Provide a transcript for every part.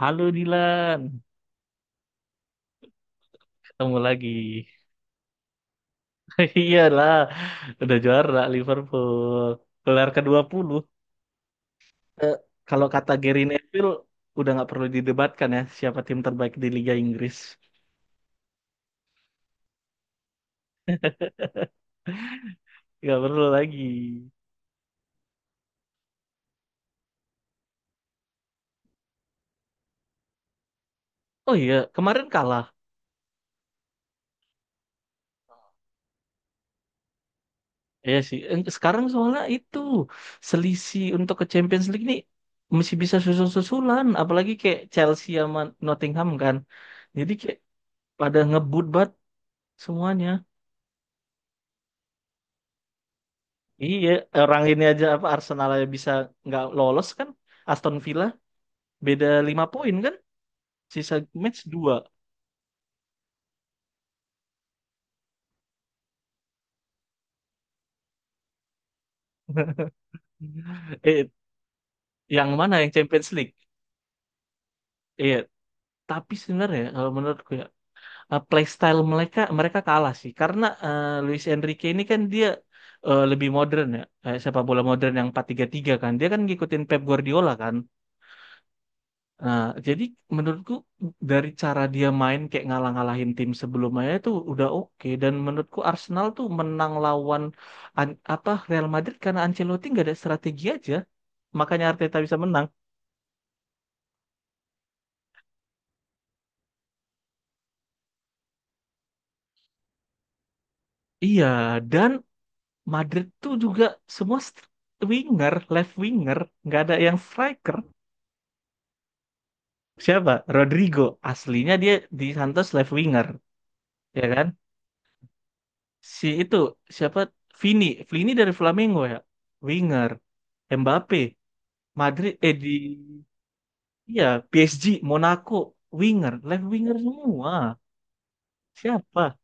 Halo Dilan, ketemu lagi. Iyalah, udah juara Liverpool. Gelar ke-20. Eh, Kalau kata Gary Neville, udah nggak perlu didebatkan ya siapa tim terbaik di Liga Inggris. Nggak perlu lagi. Oh iya, kemarin kalah. Iya sih. Sekarang soalnya itu selisih untuk ke Champions League nih masih bisa susul-susulan. Apalagi kayak Chelsea sama Nottingham kan. Jadi kayak pada ngebut banget semuanya. Iya, orang ini aja apa Arsenal aja bisa nggak lolos kan? Aston Villa beda 5 poin kan? Sisa match dua. Eh, yang mana yang Champions League? Iya, tapi sebenarnya kalau menurutku ya, playstyle mereka mereka kalah sih karena, Luis Enrique ini kan dia, lebih modern ya, sepak bola modern yang 4-3-3 kan. Dia kan ngikutin Pep Guardiola kan. Nah, jadi menurutku dari cara dia main kayak ngalah-ngalahin tim sebelumnya itu udah oke, dan menurutku Arsenal tuh menang lawan apa Real Madrid karena Ancelotti nggak ada strategi aja makanya Arteta bisa menang. Iya, dan Madrid tuh juga semua winger, left winger, nggak ada yang striker. Siapa? Rodrigo aslinya dia di Santos left winger ya kan? Si itu siapa? Vini, Vini dari Flamengo ya, winger. Mbappe. Madrid eh di iya PSG Monaco winger left winger semua siapa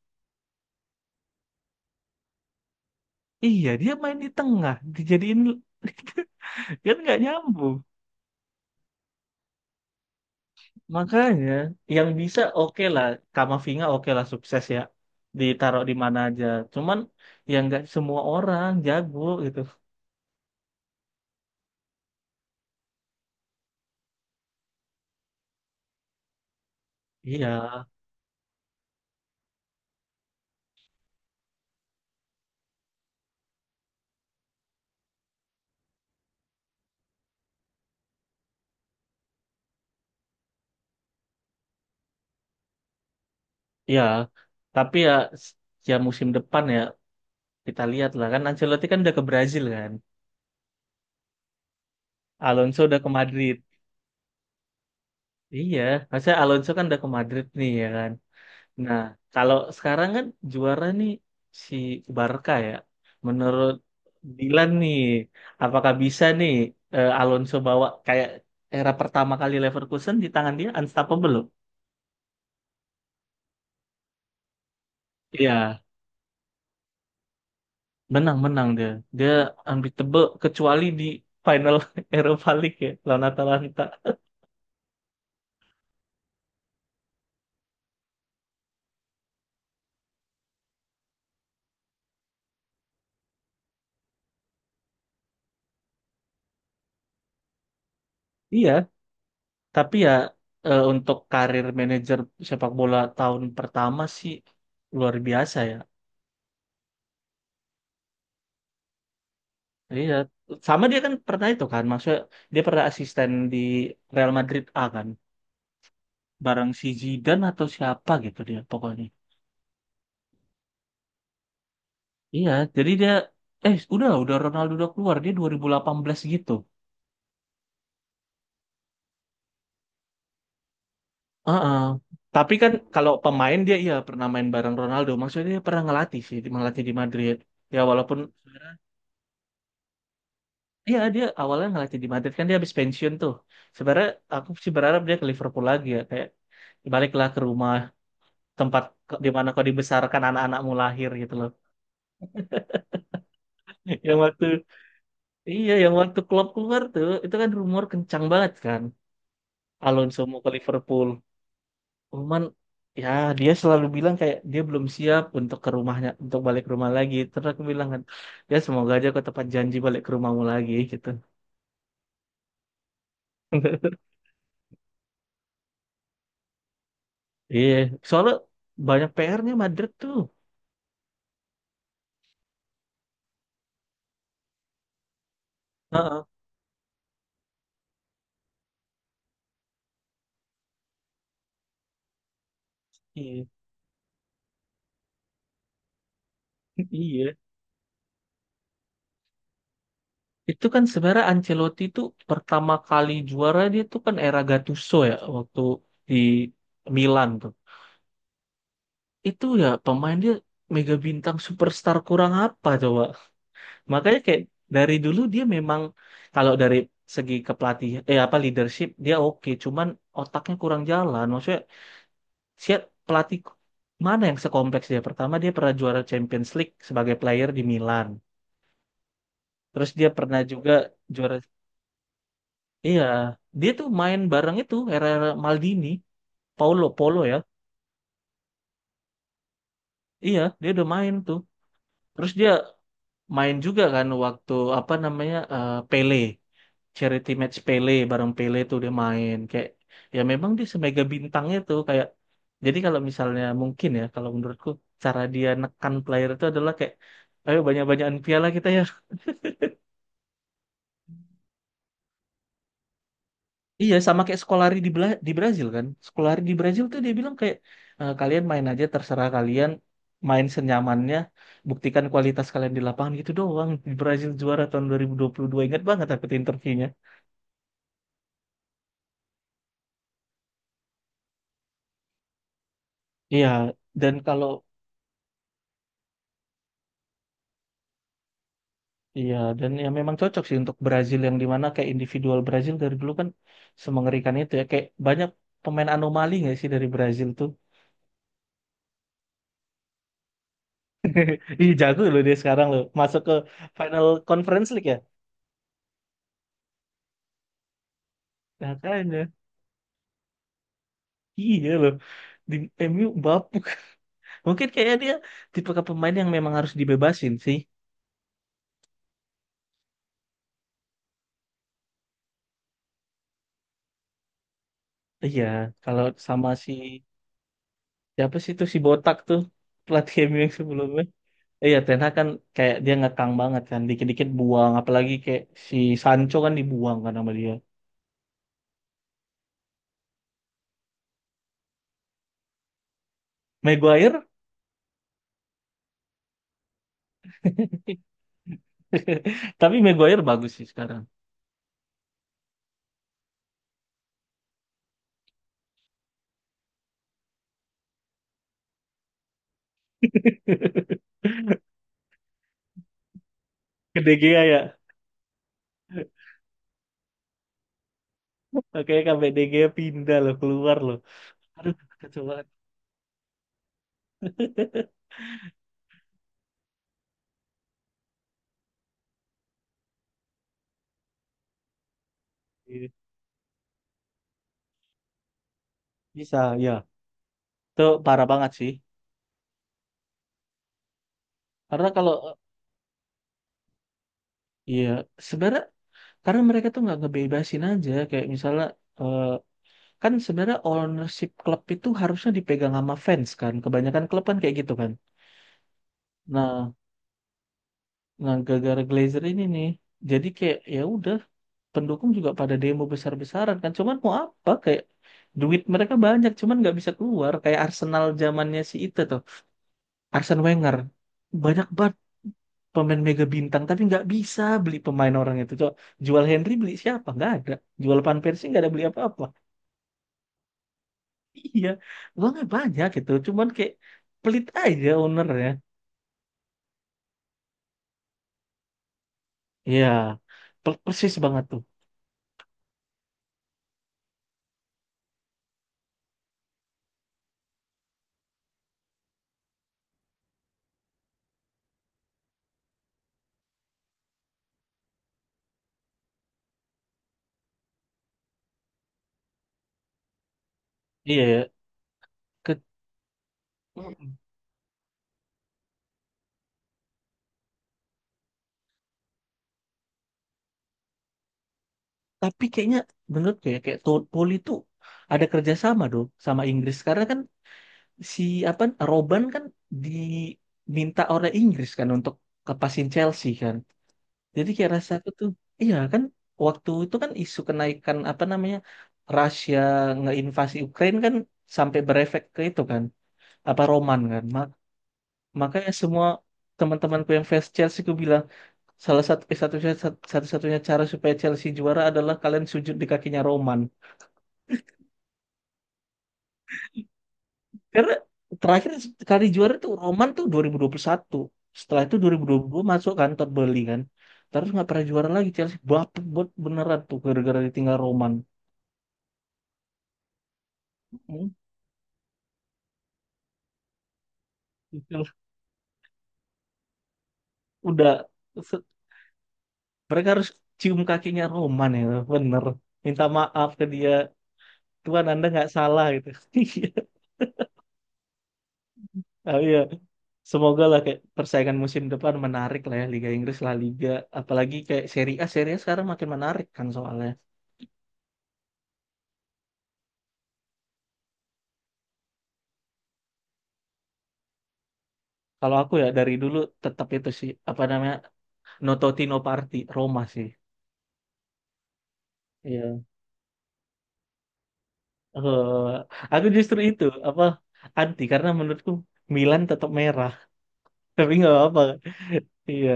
iya dia main di tengah dijadiin, kan nggak nyambung, makanya yang bisa oke lah Kamavinga oke lah sukses ya ditaruh di mana aja, cuman ya nggak semua orang jago gitu. Iya. Iya, tapi ya, s- ya musim depan ya kita lihat lah, kan Ancelotti kan udah ke Brazil kan. Alonso udah ke Madrid. Iya, maksudnya Alonso kan udah ke Madrid nih ya kan. Nah, kalau sekarang kan juara nih si Barca ya. Menurut Dilan nih, apakah bisa nih, Alonso bawa kayak era pertama kali Leverkusen? Di tangan dia unstoppable loh. Iya, menang-menang dia. Dia unbeatable kecuali di final Europa League ya lawan Atalanta. Iya, tapi ya, untuk karir manajer sepak bola tahun pertama sih luar biasa ya. Iya, sama dia kan pernah itu kan, maksudnya dia pernah asisten di Real Madrid A kan, bareng si Zidane atau siapa gitu dia pokoknya. Iya, jadi dia udah Ronaldo udah keluar dia 2018 gitu. Heeh. Tapi kan kalau pemain dia iya pernah main bareng Ronaldo, maksudnya dia pernah ngelatih sih, ngelatih di Madrid. Ya walaupun iya dia awalnya ngelatih di Madrid kan dia habis pensiun tuh. Sebenarnya aku sih berharap dia ke Liverpool lagi ya, kayak baliklah ke rumah, tempat di mana kau dibesarkan, anak-anakmu lahir, gitu loh. Yang waktu iya, yang waktu Klopp keluar tuh itu kan rumor kencang banget kan. Alonso mau ke Liverpool. Cuman ya dia selalu bilang kayak dia belum siap untuk ke rumahnya, untuk balik ke rumah lagi. Terus aku bilang kan, ya semoga aja kau tepat janji balik ke rumahmu lagi gitu. Iya, soalnya banyak PR-nya Madrid tuh. Heeh. Iya. Iya. Itu kan sebenarnya Ancelotti itu pertama kali juara dia tuh kan era Gattuso ya waktu di Milan tuh. Itu ya pemain dia mega bintang superstar kurang apa coba. Makanya kayak dari dulu dia memang kalau dari segi kepelatihan, apa leadership dia oke, cuman otaknya kurang jalan. Maksudnya siap pelatih mana yang sekompleks dia? Pertama dia pernah juara Champions League sebagai player di Milan. Terus dia pernah juga juara. Iya, dia tuh main bareng itu era-era Maldini, Paulo ya. Iya, dia udah main tuh. Terus dia main juga kan waktu apa namanya, Pele, charity match Pele, bareng Pele tuh dia main, kayak ya memang dia semega bintangnya tuh, kayak jadi kalau misalnya mungkin ya kalau menurutku cara dia nekan player itu adalah kayak ayo banyak-banyakan piala kita ya. Iya, sama kayak Scolari di, di Brazil kan. Scolari di Brazil tuh dia bilang kayak, "Eh, kalian main aja terserah kalian, main senyamannya, buktikan kualitas kalian di lapangan gitu doang." Di Brazil juara tahun 2022, ingat banget aku tuh interviewnya. Iya, dan kalau iya dan ya memang cocok sih untuk Brazil yang dimana kayak individual Brazil dari dulu kan semengerikan itu ya, kayak banyak pemain anomali nggak sih dari Brazil tuh. Ih jago loh dia sekarang loh, masuk ke final Conference League ya. Nah, kayaknya iya loh. Di MU bapuk. Mungkin kayaknya dia tipe ke pemain yang memang harus dibebasin sih. Iya, kalau sama si siapa sih itu si botak tuh pelatih MU yang sebelumnya. Iya, Ten Hag kan kayak dia ngekang banget kan, dikit-dikit buang, apalagi kayak si Sancho kan dibuang kan sama dia. Maguire, tapi Maguire bagus sih sekarang. Ke De Gea ya, oke sampai De Gea pindah loh, keluar loh. Aduh, kacau banget. Iya. Bisa, ya. Itu parah banget sih. Karena kalau iya, sebenarnya karena mereka tuh nggak ngebebasin aja kayak misalnya, eh, kan sebenarnya ownership klub itu harusnya dipegang sama fans kan, kebanyakan klub kan kayak gitu kan. Nah, nah gara-gara Glazer ini nih, jadi kayak ya udah pendukung juga pada demo besar-besaran kan, cuman mau apa kayak duit mereka banyak cuman nggak bisa keluar kayak Arsenal zamannya si itu tuh, Arsene Wenger, banyak banget pemain mega bintang tapi nggak bisa beli pemain orang itu. Coba, jual Henry beli siapa, nggak ada. Jual Van Persie nggak ada beli apa-apa. Iya, uangnya banyak gitu cuman kayak pelit aja ownernya. Iya, persis banget tuh. Iya ya. Ke- Mm. Tapi kayaknya menurut gue ya, kayak Todd Poli tuh ada kerjasama dong sama Inggris, karena kan si apa Robben kan diminta oleh Inggris kan untuk kepasin Chelsea kan. Jadi kayak rasa aku tuh, iya kan waktu itu kan isu kenaikan apa namanya Rusia ngeinvasi Ukraina kan sampai berefek ke itu kan, apa Roman kan. Makanya semua teman-temanku yang fans Chelsea aku bilang salah satu, satu satu-satunya cara supaya Chelsea juara adalah kalian sujud di kakinya Roman. Karena terakhir kali juara tuh Roman tuh 2021. Setelah itu 2022 masuk kan Todd Bowley kan. Terus nggak pernah juara lagi Chelsea. Bapet buat beneran tuh gara-gara ditinggal Roman. Udah se- mereka harus cium kakinya Roman ya, bener, minta maaf ke dia, Tuhan Anda nggak salah gitu. Oh, iya, semoga lah kayak persaingan musim depan menarik lah ya, Liga Inggris, La Liga, apalagi kayak Serie A. Serie A sekarang makin menarik kan, soalnya kalau aku ya dari dulu tetap itu sih apa namanya no Totti no Party Roma sih. Iya. Eh, aku justru itu apa anti karena menurutku Milan tetap merah. Tapi nggak apa-apa. Iya,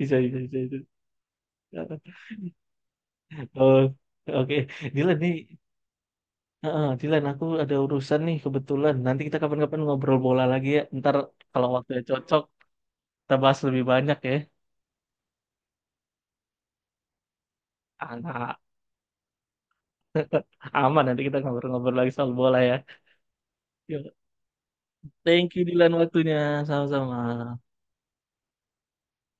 bisa bisa bisa Oh, oke. Dilan nih, heeh, Dilan aku ada urusan nih kebetulan. Nanti kita kapan-kapan ngobrol bola lagi ya. Ntar kalau waktunya cocok, kita bahas lebih banyak ya. Anak. Aman, nanti kita ngobrol-ngobrol lagi soal bola ya. Yuk, thank you Dilan waktunya. Sama-sama.